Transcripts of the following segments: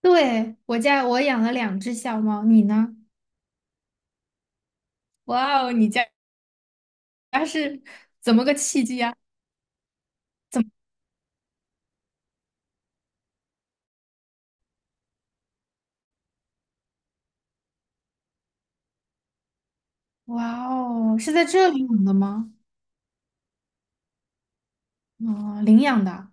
对，我家养了两只小猫，你呢？哇哦，你家它是怎么个契机啊？哇哦，是在这里养的吗？哦，领养的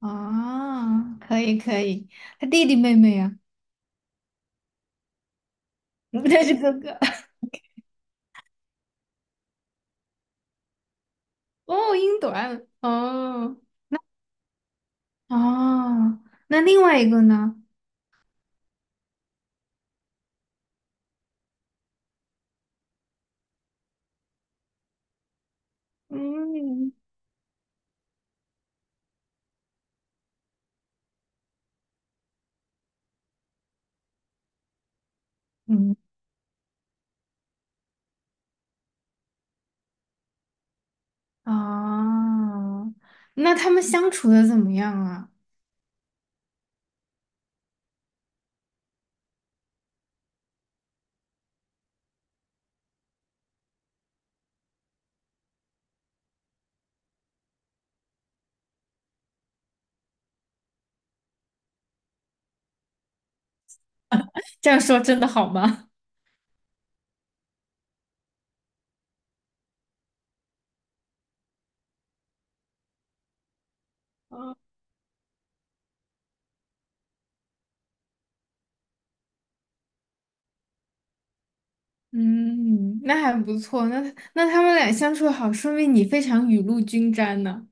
啊，可以可以。他弟弟妹妹呀、啊？他是哥哥。哦，英短。哦哦，那另外一个呢？嗯嗯啊，那他们相处的怎么样啊？这样说真的好吗？嗯，那还不错。那他们俩相处好，说明你非常雨露均沾呢。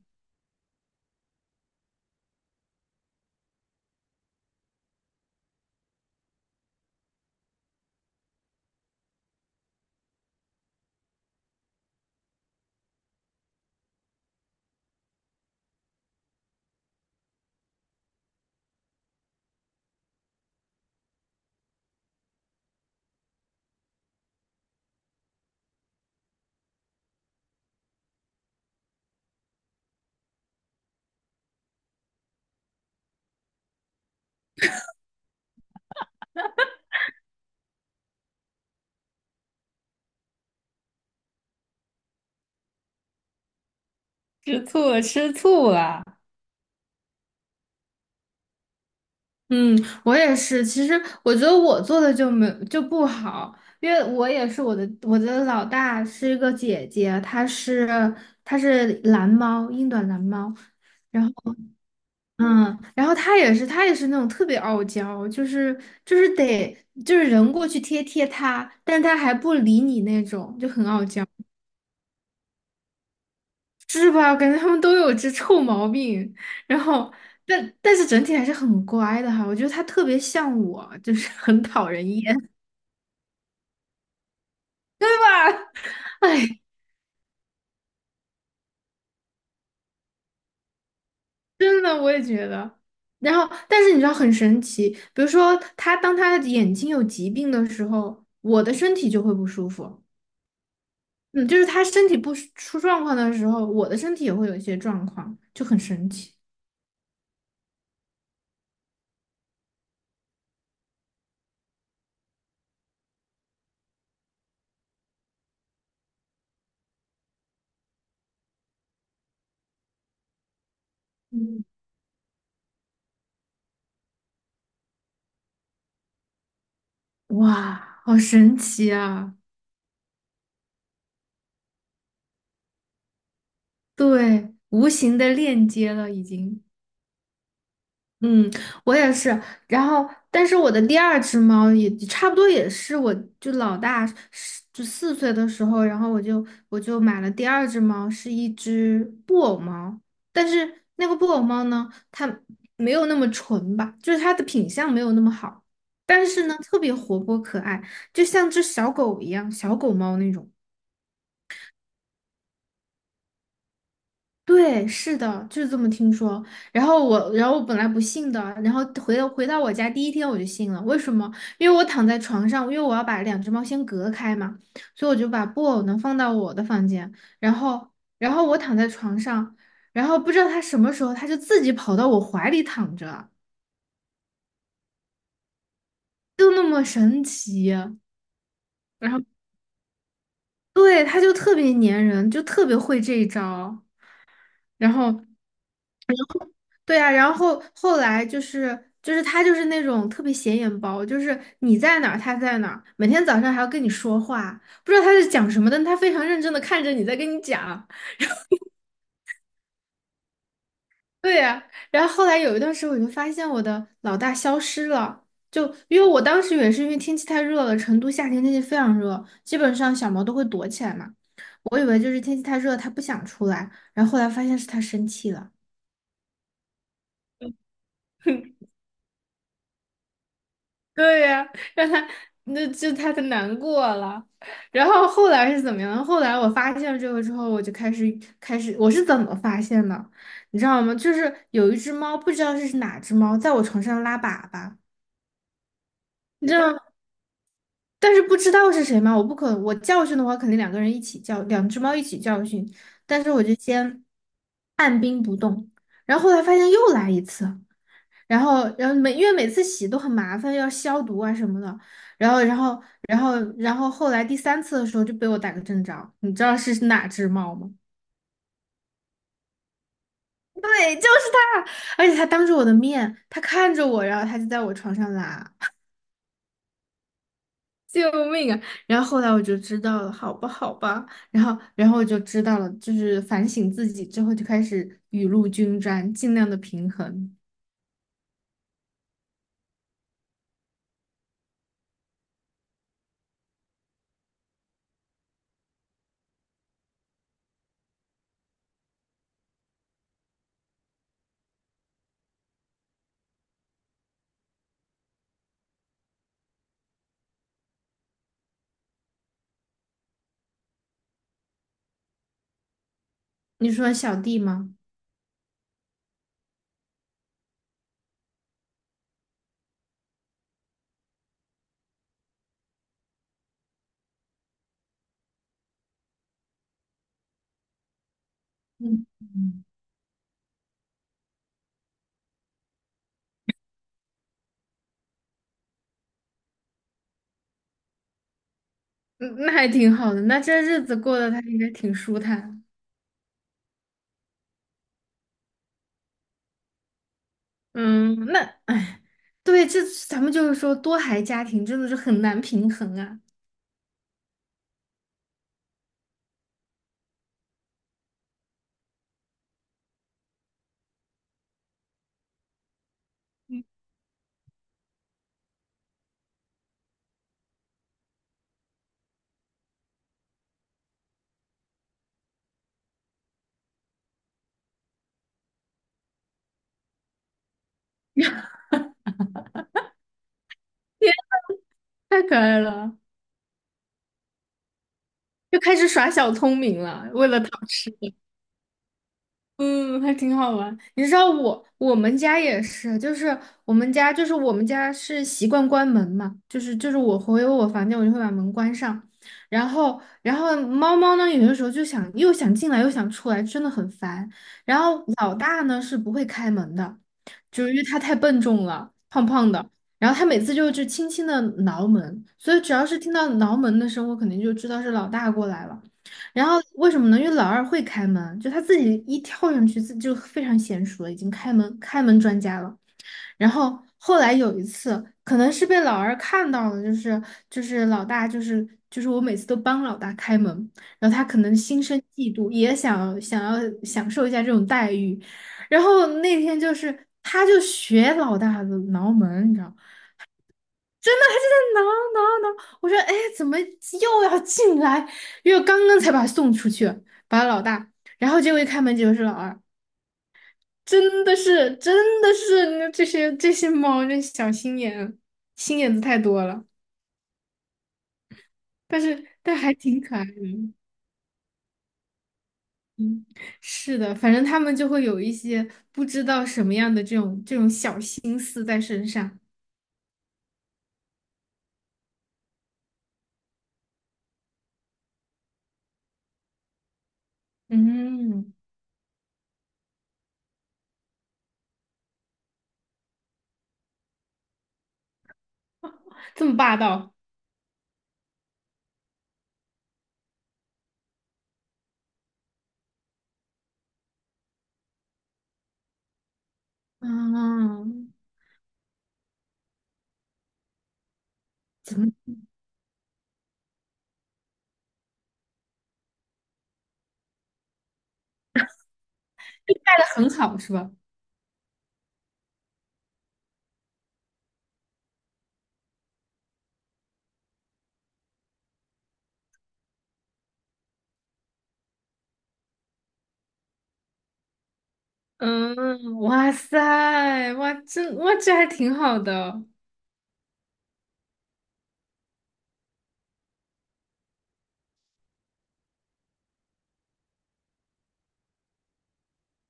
吃醋了，吃醋了。嗯，我也是。其实我觉得我做的就不好，因为我也是我的老大是一个姐姐，她是蓝猫，英短蓝猫。然后，嗯，然后她也是，她也是那种特别傲娇，就是就是得就是人过去贴贴她，但她还不理你那种，就很傲娇。是吧？感觉他们都有这臭毛病，然后，但是整体还是很乖的哈。我觉得他特别像我，就是很讨人厌。哎，真的，我也觉得。然后，但是你知道很神奇，比如说他的眼睛有疾病的时候，我的身体就会不舒服。嗯，就是他身体不舒出状况的时候，我的身体也会有一些状况，就很神奇。嗯，哇，好神奇啊！对，无形的链接了已经。嗯，我也是。然后，但是我的第二只猫也差不多也是，我就老大是就四岁的时候，然后我就买了第二只猫，是一只布偶猫。但是那个布偶猫呢，它没有那么纯吧，就是它的品相没有那么好，但是呢，特别活泼可爱，就像只小狗一样，小狗猫那种。对，是的，就是这么听说。然后我本来不信的，然后回到我家第一天我就信了。为什么？因为我躺在床上，因为我要把两只猫先隔开嘛，所以我就把布偶呢放到我的房间，然后，然后我躺在床上，然后不知道它什么时候它就自己跑到我怀里躺着，就那么神奇。然后，对，它就特别粘人，就特别会这一招。然后。对呀，然后后来他就是那种特别显眼包，就是你在哪儿他在哪儿，每天早上还要跟你说话，不知道他在讲什么，但他非常认真的看着你在跟你讲。对呀，然后后来有一段时间我就发现我的老大消失了，因为我当时也是因为天气太热了，成都夏天天气非常热，基本上小猫都会躲起来嘛，我以为就是天气太热它不想出来，然后后来发现是它生气了。对呀、让他那就他他难过了。然后后来是怎么样？后来我发现了这个之后，我就开始开始，我是怎么发现的？你知道吗？就是有一只猫，不知道是哪只猫，在我床上拉粑粑，你知道吗，但是不知道是谁嘛，我不可，我教训的话，肯定两个人一起教，两只猫一起教训。但是我就先按兵不动，然后后来发现又来一次。然后，然后每因为每次洗都很麻烦，要消毒啊什么的。然后后来第三次的时候就被我逮个正着，你知道是哪只猫吗？对，就是它，而且它当着我的面，它看着我，然后它就在我床上拉，救命啊！然后后来我就知道了，好吧，好吧，然后，然后我就知道了，就是反省自己之后就开始雨露均沾，尽量的平衡。你说小弟吗？嗯，嗯，那还挺好的，那这日子过得他应该挺舒坦。嗯，那哎，对，这咱们多孩家庭真的是很难平衡啊，太可爱了，又开始耍小聪明了，为了讨吃。嗯，还挺好玩。你知道我们家也是，就是我们家是习惯关门嘛，我回我房间我就会把门关上，然后猫猫呢有的时候又想进来又想出来，真的很烦。然后老大呢是不会开门的，就是因为它太笨重了，胖胖的，然后它每次就轻轻的挠门，所以只要是听到挠门的声，我肯定就知道是老大过来了。然后为什么呢？因为老二会开门，就他自己一跳上去，自就非常娴熟了，开门专家了。然后后来有一次，可能是被老二看到了，老大我每次都帮老大开门，然后他可能心生嫉妒，想要享受一下这种待遇。然后那天就是他就学老大的挠门，你知道吗。真的还是在挠。我说，哎，怎么又要进来？因为我刚刚才把他送出去，把老大，然后结果一开门，结果是老二，真的是这些猫，这小心眼，心眼子太多了。但是，但还挺可爱的。嗯，是的，反正他们就会有一些不知道什么样的这种小心思在身上。嗯，这么霸道。嗯，怎么就带的很好是吧？嗯，哇塞，哇，这还挺好的，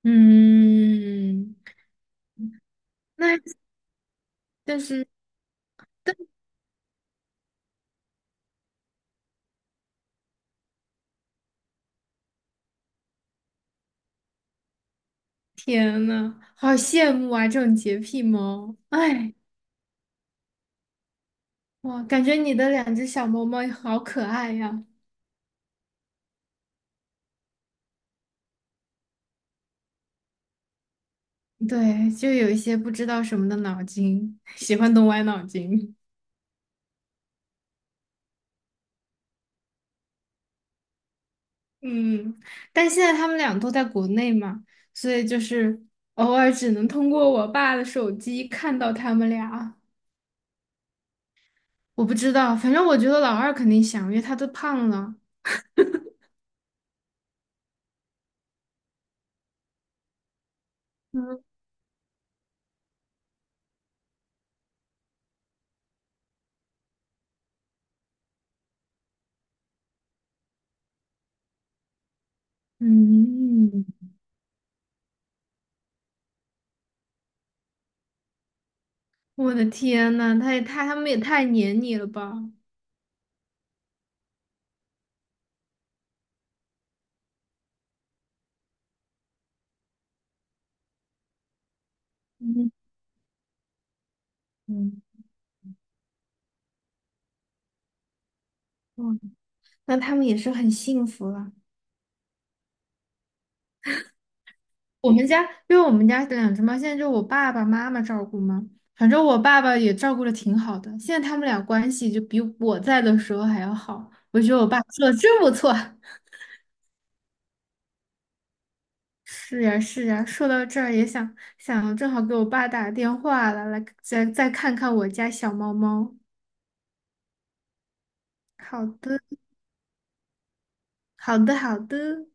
嗯 那但是天呐，好羡慕啊，这种洁癖猫，哎，哇，感觉你的两只小猫猫好可爱呀，对，就有一些不知道什么的脑筋，喜欢动歪脑筋，嗯，但现在他们俩都在国内嘛，所以就是偶尔只能通过我爸的手机看到他们俩。我不知道，反正我觉得老二肯定想，因为他都胖了。嗯，嗯，我的天呐，他们也太黏你了吧？嗯嗯，哇，那他们也是很幸福了。我们家，因为我们家的两只猫现在就我爸爸妈妈照顾嘛，反正我爸爸也照顾的挺好的，现在他们俩关系就比我在的时候还要好，我觉得我爸做的真不错。是呀，是呀，说到这儿也想想，正好给我爸打电话了，来再看看我家小猫猫。好的，好的，好的。